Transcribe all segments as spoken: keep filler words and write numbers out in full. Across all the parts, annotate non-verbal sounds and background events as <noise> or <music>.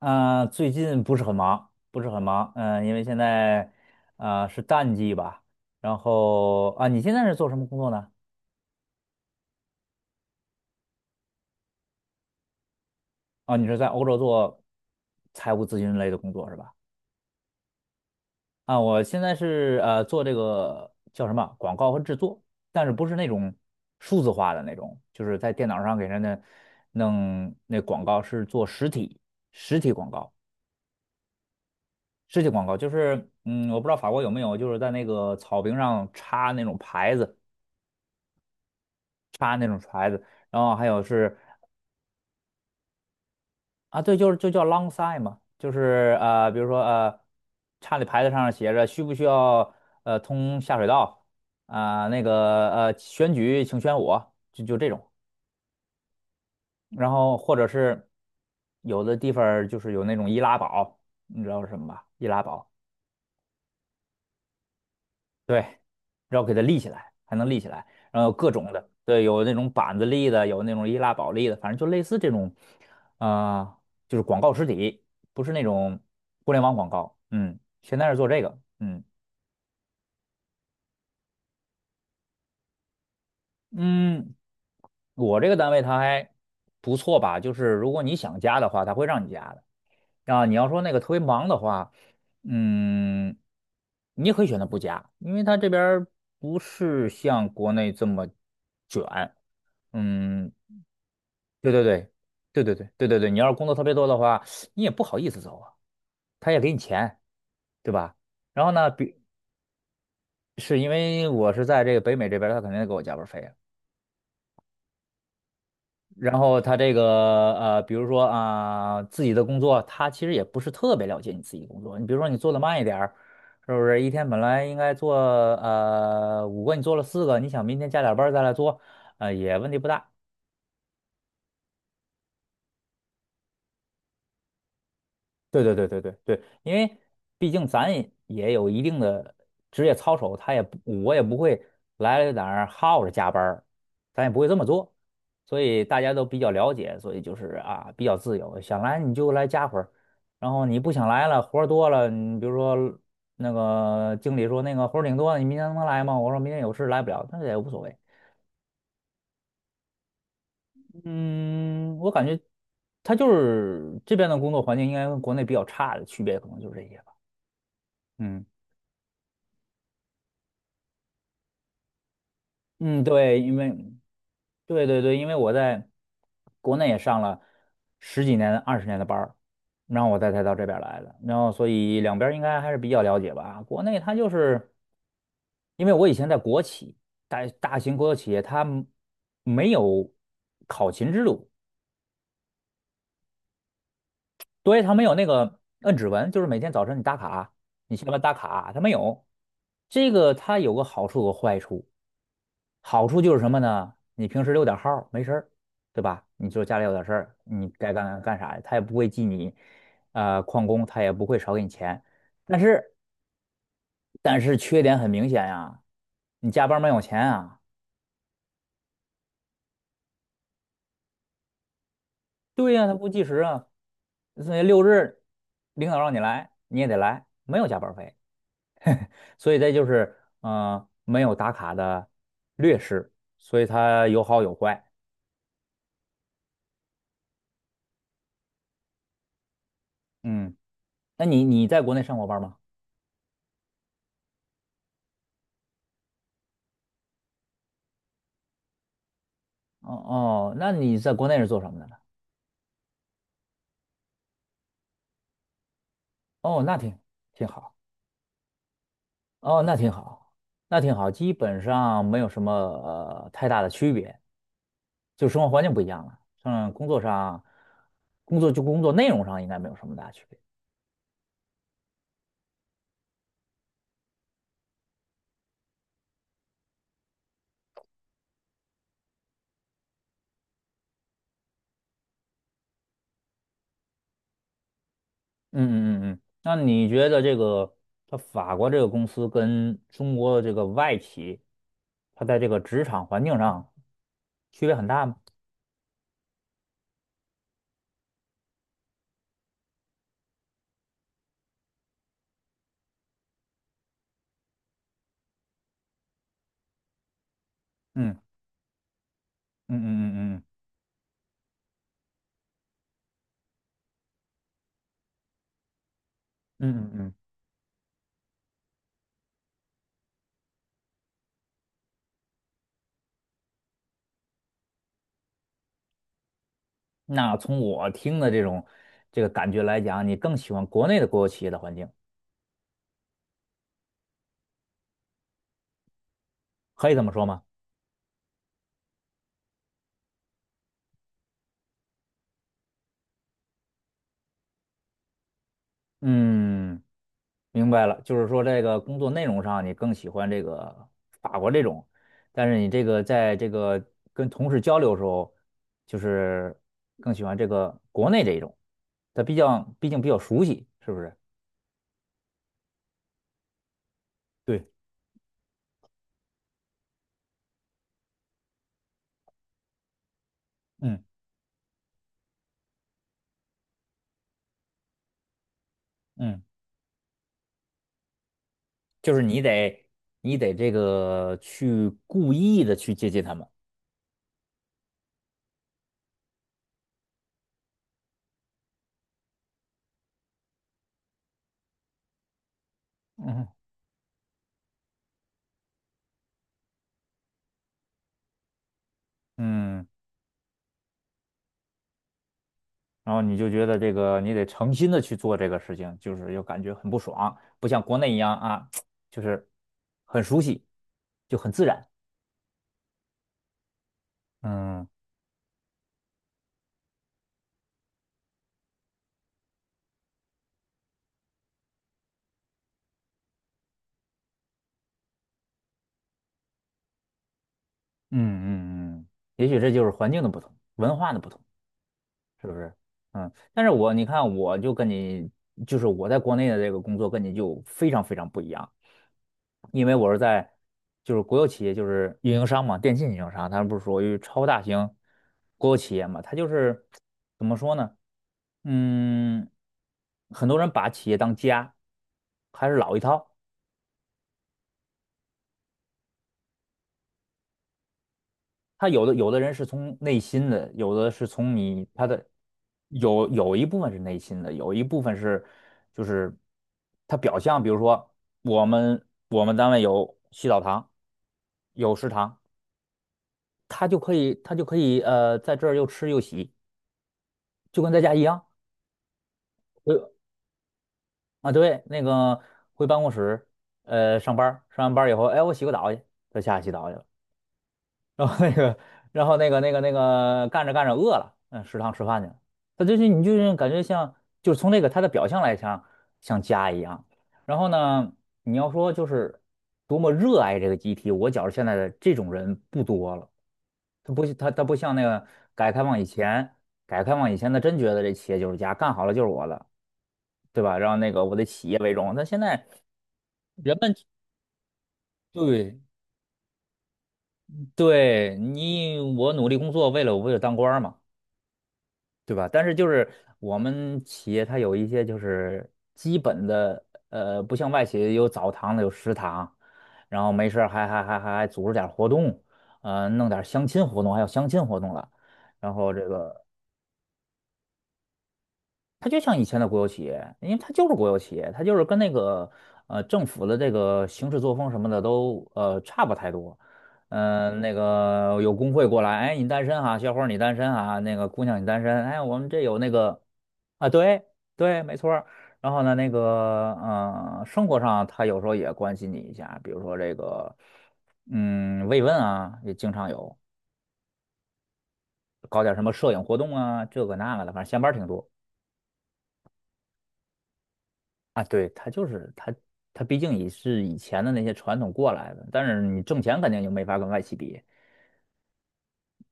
嗯，呃最近不是很忙，不是很忙，嗯、因为现在啊呃是淡季吧。然后啊，你现在是做什么工作呢？啊，你是在欧洲做财务咨询类的工作是吧？啊，我现在是呃做这个叫什么广告和制作，但是不是那种数字化的那种，就是在电脑上给人家弄那广告，是做实体实体广告，实体广告就是嗯，我不知道法国有没有，就是在那个草坪上插那种牌子。插那种牌子，然后还有是啊，对，就是就叫 long sign 嘛，就是呃，比如说呃，插的牌子上写着需不需要呃通下水道啊、那个呃选举请选我，就就这种，然后或者是有的地方儿就是有那种易拉宝，你知道是什么吧？易拉宝。对，然后给它立起来，还能立起来，然后有各种的，对，有那种板子立的，有那种易拉宝立的，反正就类似这种，啊、就是广告实体，不是那种互联网广告，嗯，现在是做这个。嗯嗯。我这个单位它还不错吧，就是如果你想加的话，它会让你加的，啊，你要说那个特别忙的话，嗯，你也可以选择不加，因为它这边儿不是像国内这么卷。嗯，对对对，对对对对对对，你要是工作特别多的话，你也不好意思走啊，他也给你钱，对吧？然后呢，比是因为我是在这个北美这边儿他肯定给我加班儿费啊。然后他这个呃，比如说啊、自己的工作，他其实也不是特别了解你自己工作。你比如说你做的慢一点儿，是不是？一天本来应该做呃五个，你做了四个，你想明天加点班儿再来做，呃也问题不大。对对对对对对，因为毕竟咱也也有一定的职业操守，他也不，我也不会来了哪儿耗着加班儿，咱也不会这么做，所以大家都比较了解，所以就是啊，比较自由，想来你就来加会儿，然后你不想来了，活儿多了，你比如说那个经理说那个活儿挺多的，你明天能来吗？我说明天有事来不了，那也无所谓。嗯，我感觉他就是这边的工作环境应该跟国内比较差的区别，可能就是这些吧。嗯。嗯，对，因为对对对，因为我在国内也上了十几年、二十年的班儿，然后我再才到这边儿来的，然后所以两边儿应该还是比较了解吧。国内它就是因为我以前在国企，大大型国有企业，它们没有考勤制度，对，它没有那个摁指纹，就是每天早晨你打卡，你下班打卡，它没有。这个它有个好处有个坏处，好处就是什么呢？你平时溜点号儿没事儿，对吧？你就家里有点事儿，你该干干啥，他也不会记你，呃，旷工，他也不会少给你钱。但是，但是缺点很明显呀，你加班没有钱啊？对呀，他不计时啊。所以六日领导让你来，你也得来，没有加班费。所以这就是，嗯，没有打卡的劣势。所以它有好有坏。嗯，那你你在国内上过班吗？哦哦，那你在国内是做什么的呢？哦，那挺挺好，哦，那挺好，那挺好，基本上没有什么呃太大的区别，就生活环境不一样了。嗯，工作上，工作就工作内容上应该没有什么大区别。嗯嗯嗯嗯，那你觉得这个它法国这个公司跟中国的这个外企，它在这个职场环境上区别很大吗？嗯嗯嗯嗯嗯嗯嗯嗯嗯。那从我听的这种这个感觉来讲，你更喜欢国内的国有企业的环境，可以这么说吗？嗯，明白了，就是说这个工作内容上你更喜欢这个法国这种，但是你这个在这个跟同事交流的时候，就是更喜欢这个国内这一种，他毕竟毕竟比较熟悉，是不是？对，嗯嗯，就是你得你得这个去故意的去接近他们。嗯嗯。然后你就觉得这个你得诚心的去做这个事情，就是又感觉很不爽，不像国内一样啊，就是很熟悉，就很自然。嗯嗯嗯嗯，也许这就是环境的不同，文化的不同，是不是？嗯，但是我你看，我就跟你，就是我在国内的这个工作跟你就非常非常不一样，因为我是在就是国有企业，就是运营商嘛，电信运营商，它不是属于超大型国有企业嘛，它就是怎么说呢？嗯。很多人把企业当家，还是老一套。他有的有的人是从内心的，有的是从你他的有有一部分是内心的，有一部分是就是他表象，比如说我们我们单位有洗澡堂，有食堂，他就可以他就可以呃在这儿又吃又洗，就跟在家一样。呃啊对，那个回办公室呃上班儿上完班儿以后，哎我洗个澡去，他下去洗澡去了。然后那个，然后那个那个那个干着干着饿了，嗯，食堂吃饭去了。他就是你就是感觉像，就是从那个他的表象来讲，像家一样。然后呢，你要说就是多么热爱这个集体，我觉着现在的这种人不多了。他不他他不像那个改革开放以前，改革开放以前他真觉得这企业就是家，干好了就是我的，对吧？然后那个我的企业为荣。但现在人们对对你我努力工作，为了我为了当官儿嘛。对吧？但是就是我们企业它有一些就是基本的，呃，不像外企有澡堂子有食堂，然后没事儿还还还还还组织点儿活动，呃，弄点儿相亲活动，还有相亲活动了，然后这个它就像以前的国有企业，因为它就是国有企业，它就是跟那个呃政府的这个行事作风什么的都呃差不太多。嗯、那个有工会过来，哎，你单身啊，小伙儿你单身啊，那个姑娘你单身，哎，我们这有那个啊，对对，没错儿然后呢，那个嗯、呃生活上他有时候也关心你一下，比如说这个嗯慰问啊，也经常有，搞点什么摄影活动啊，这个那个的，反正下班儿挺多。啊，对，他就是他，他毕竟也是以前的那些传统过来的，但是你挣钱肯定就没法跟外企比。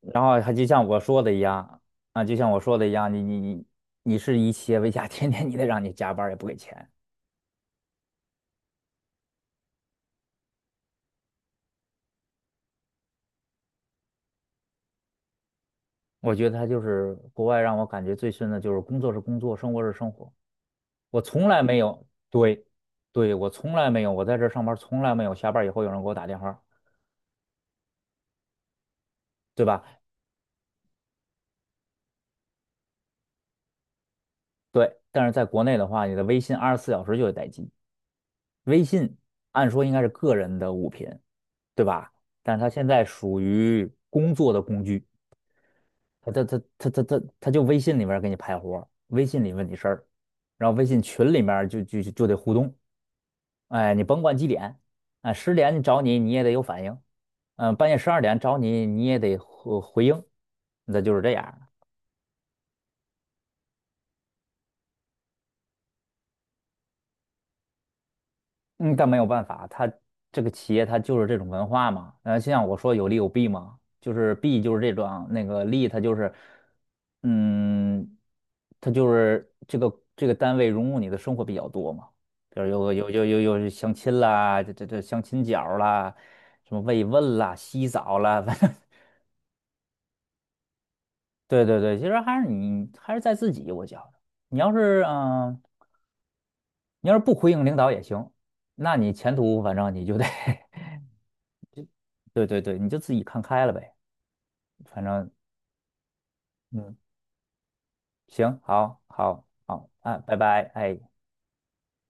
然后他就像我说的一样，啊，就像我说的一样，你你你你是以企业为家，<laughs> 天天你得让你加班儿也不给钱。我觉得他就是国外让我感觉最深的就是工作是工作，生活是生活。我从来没有，对，对，我从来没有，我在这儿上班儿从来没有下班儿以后有人给我打电话，对吧？对，但是在国内的话，你的微信二十四小时就得待机。微信按说应该是个人的物品，对吧？但是它现在属于工作的工具，他他他他他他他就微信里面给你派活儿微信里问你事儿，然后微信群里面就就就得互动，哎，你甭管几点，哎，十点你找你你也得有反应，嗯，半夜十二点找你你也得回回应，那就是这样。嗯，但没有办法，它这个企业它就是这种文化嘛。呃，就像我说有利有弊嘛，就是弊就是这种，那个利它就是，嗯，它就是这个这个单位融入你的生活比较多嘛，比如有有有有有相亲啦，这这这相亲角儿啦，什么慰问啦、洗澡啦，反正 <laughs> 对对对，其实还是你还是在自己，我觉得你要是嗯、呃你要是不回应领导也行，那你前途反正你就得 <laughs> 对对对，你就自己看开了呗，反正嗯，行，好，好，好，啊，拜拜，哎。